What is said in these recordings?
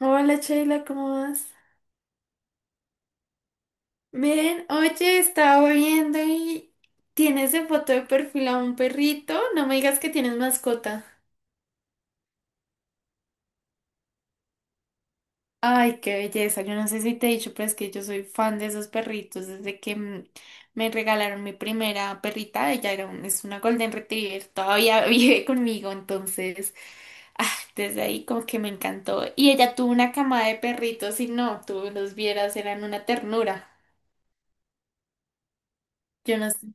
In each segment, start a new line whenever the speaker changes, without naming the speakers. Hola Sheila, ¿cómo vas? Miren, oye, estaba viendo y tienes en foto de perfil a un perrito. No me digas que tienes mascota. Ay, qué belleza. Yo no sé si te he dicho, pero es que yo soy fan de esos perritos. Me regalaron mi primera perrita, ella era es una Golden Retriever, todavía vive conmigo, entonces, ah, desde ahí como que me encantó. Y ella tuvo una camada de perritos y no, tú los vieras, eran una ternura. Yo no sé.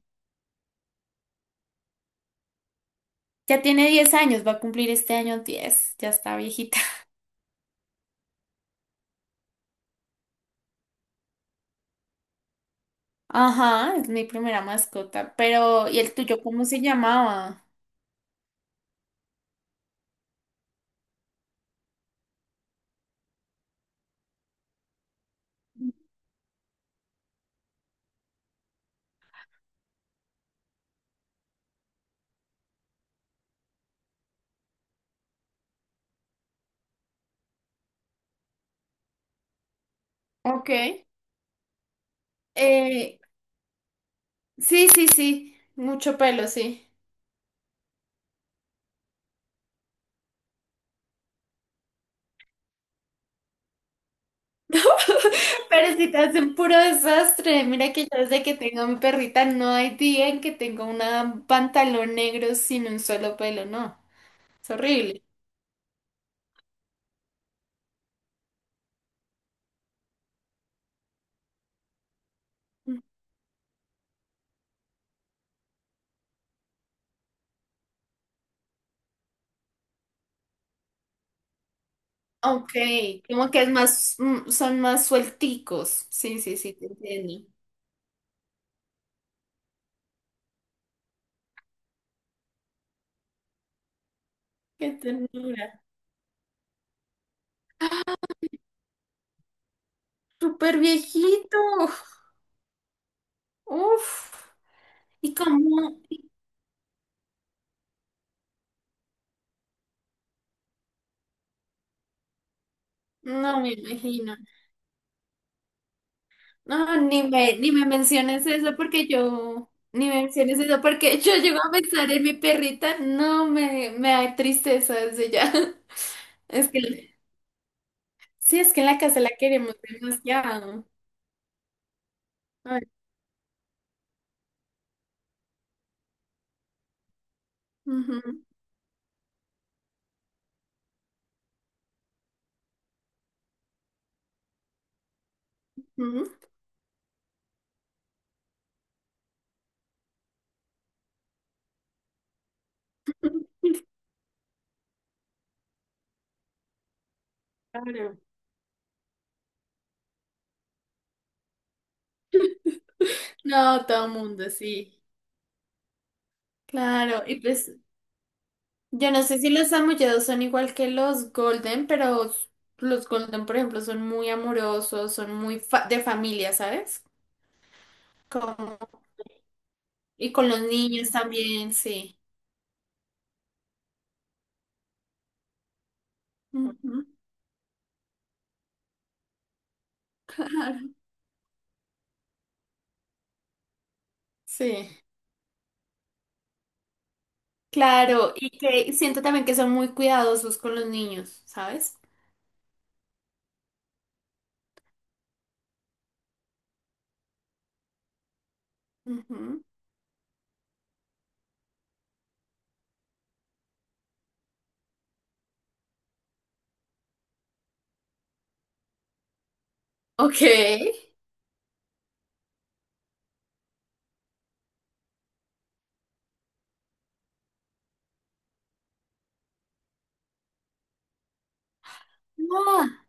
Ya tiene 10 años, va a cumplir este año 10. Ya está viejita. Ajá, es mi primera mascota, pero ¿y el tuyo cómo se llamaba? Ok. Eh, sí, sí, sí, mucho pelo, sí. Pero si te hacen puro desastre, mira que yo desde que tengo a mi perrita no hay día en que tenga un pantalón negro sin un solo pelo, no, es horrible. Ok, como que es más, son más suelticos. Sí, sí, sí, te entiendo. Qué ternura. Súper viejito. Uf. ¿Y cómo? No me imagino. No, ni me menciones eso porque yo, ni me menciones eso porque yo llego a pensar en mi perrita. No, me da tristeza desde ya. Es que, sí, es que en la casa la queremos demasiado. Ay, ujú, ujú, claro. No, todo el mundo, sí. Claro. Y pues, yo no sé si los samoyedos son igual que los golden, pero los golden, por ejemplo, son muy amorosos, son muy de familia, ¿sabes? Como- y con los niños también, sí. Ujú. Claro. Sí, claro, y que siento también que son muy cuidadosos con los niños, ¿sabes? Ujú. Ok. Ah,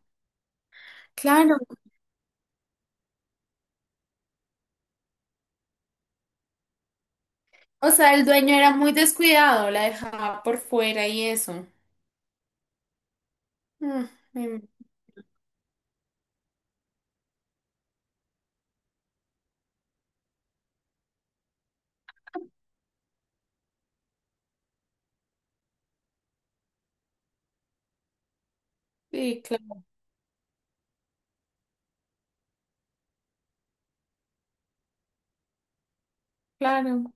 claro. O sea, el dueño era muy descuidado, la dejaba por fuera y eso. Mm, mm, Sí, cla- claro.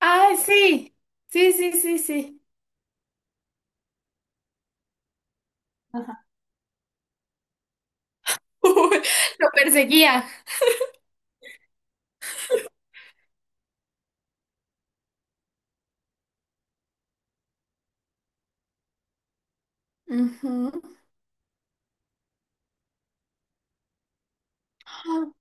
Ay, sí. Sí, sí, sí, sí. Ajá. Lo perseguía. Ujú. Ah,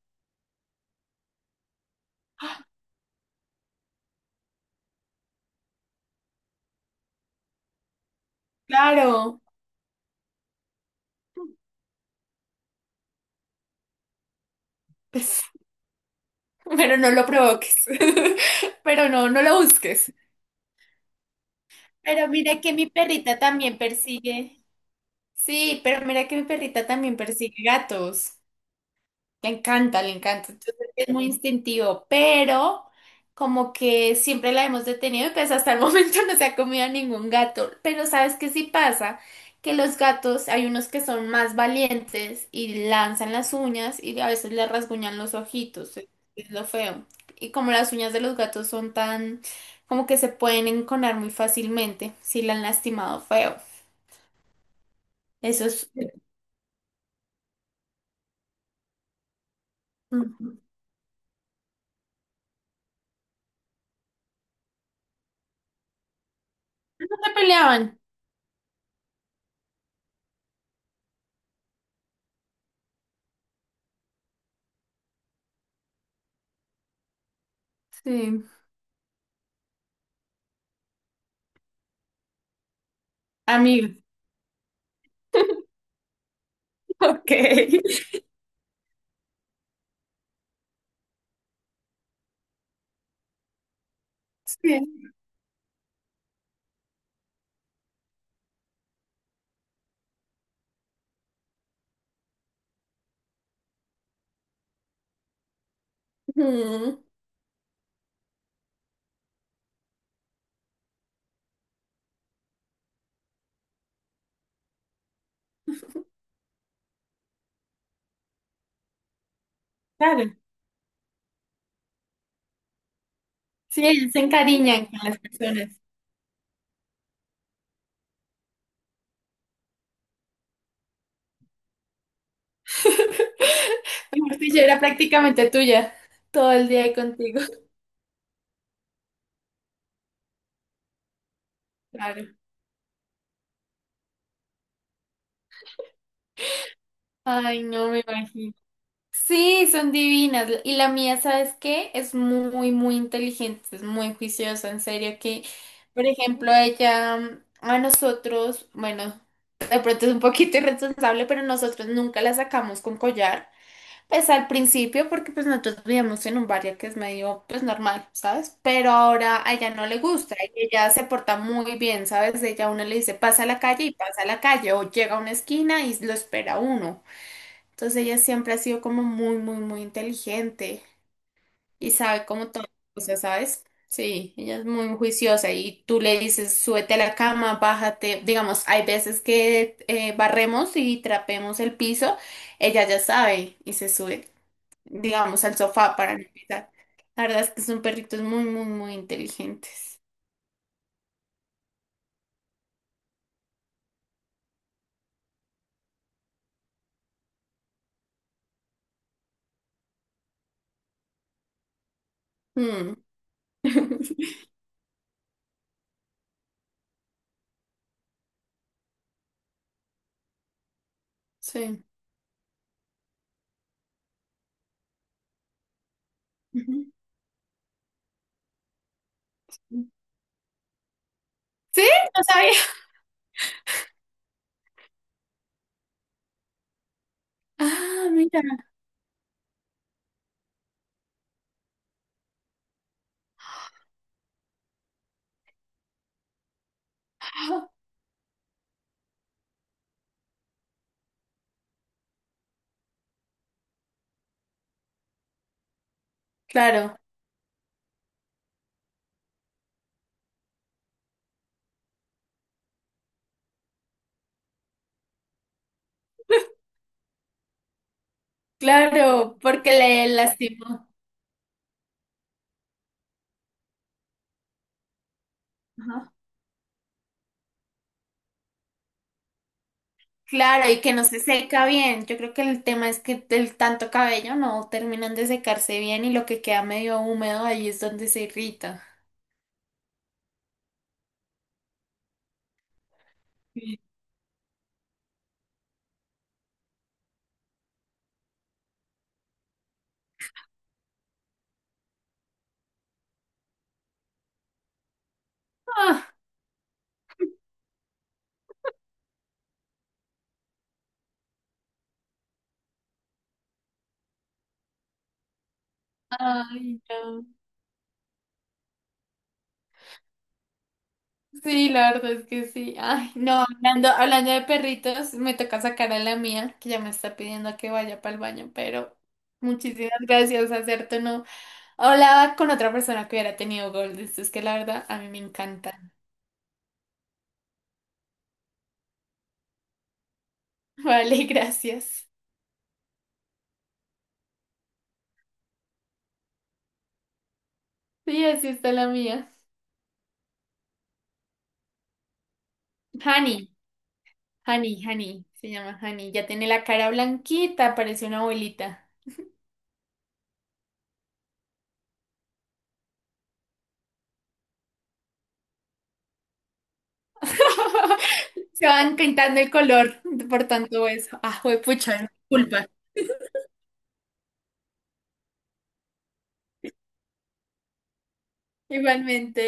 claro. Pues, pero no lo provoques. Pero no, no lo busques. Pero mira que mi perrita también persigue. Sí, pero mira que mi perrita también persigue gatos. Le encanta, le encanta. Entonces es muy instintivo, pero como que siempre la hemos detenido y pues hasta el momento no se ha comido a ningún gato. Pero ¿sabes qué sí pasa? Que los gatos, hay unos que son más valientes y lanzan las uñas y a veces le rasguñan los ojitos. Es lo feo. Y como las uñas de los gatos son tan, como que se pueden enconar muy fácilmente si la han lastimado feo. Eso es... Ujú. No se peleaban. Sí. Amigo. Ok. Sí, mm, claro. Sí, se encariñan con las personas. Mejor dicho, era prácticamente tuya todo el día ahí contigo. Claro. Ay, no me imagino. Sí, son divinas. Y la mía, ¿sabes qué? Es muy, muy inteligente, es muy juiciosa, en serio, que, por ejemplo, a nosotros, bueno, de pronto es un poquito irresponsable, pero nosotros nunca la sacamos con collar. Pues al principio, porque pues nosotros vivíamos en un barrio que es medio pues normal, ¿sabes? Pero ahora a ella no le gusta y ella se porta muy bien, ¿sabes? Ella a uno le dice pasa a la calle y pasa a la calle o llega a una esquina y lo espera a uno. Entonces ella siempre ha sido como muy, muy, muy inteligente y sabe como todas las cosas, ¿sabes? Sí, ella es muy juiciosa y tú le dices súbete a la cama, bájate. Digamos, hay veces que barremos y trapemos el piso, ella ya sabe y se sube digamos, al sofá para no pisar. La verdad es que son perritos muy, muy, muy inteligentes. Mm. Sí. Ujú. Sí, no sabía. Ah, mira. Claro, claro, porque le lastimó. Ajá. Claro, y que no se seca bien. Yo creo que el tema es que el tanto cabello no terminan de secarse bien y lo que queda medio húmedo ahí es donde se irrita. Sí. Ah, ay, no. Sí, la verdad es que sí. Ay, no, hablando de perritos, me toca sacar a la mía, que ya me está pidiendo que vaya para el baño, pero muchísimas gracias, acerto, no. Hablaba con otra persona que hubiera tenido Gold, esto es que la verdad a mí me encanta. Vale, gracias. Sí, así está la mía. Hani, Hani, se llama Hani. Ya tiene la cara blanquita, parece una abuelita. Se van pintando el color por tanto eso. Ah, pucha, disculpa. Igualmente.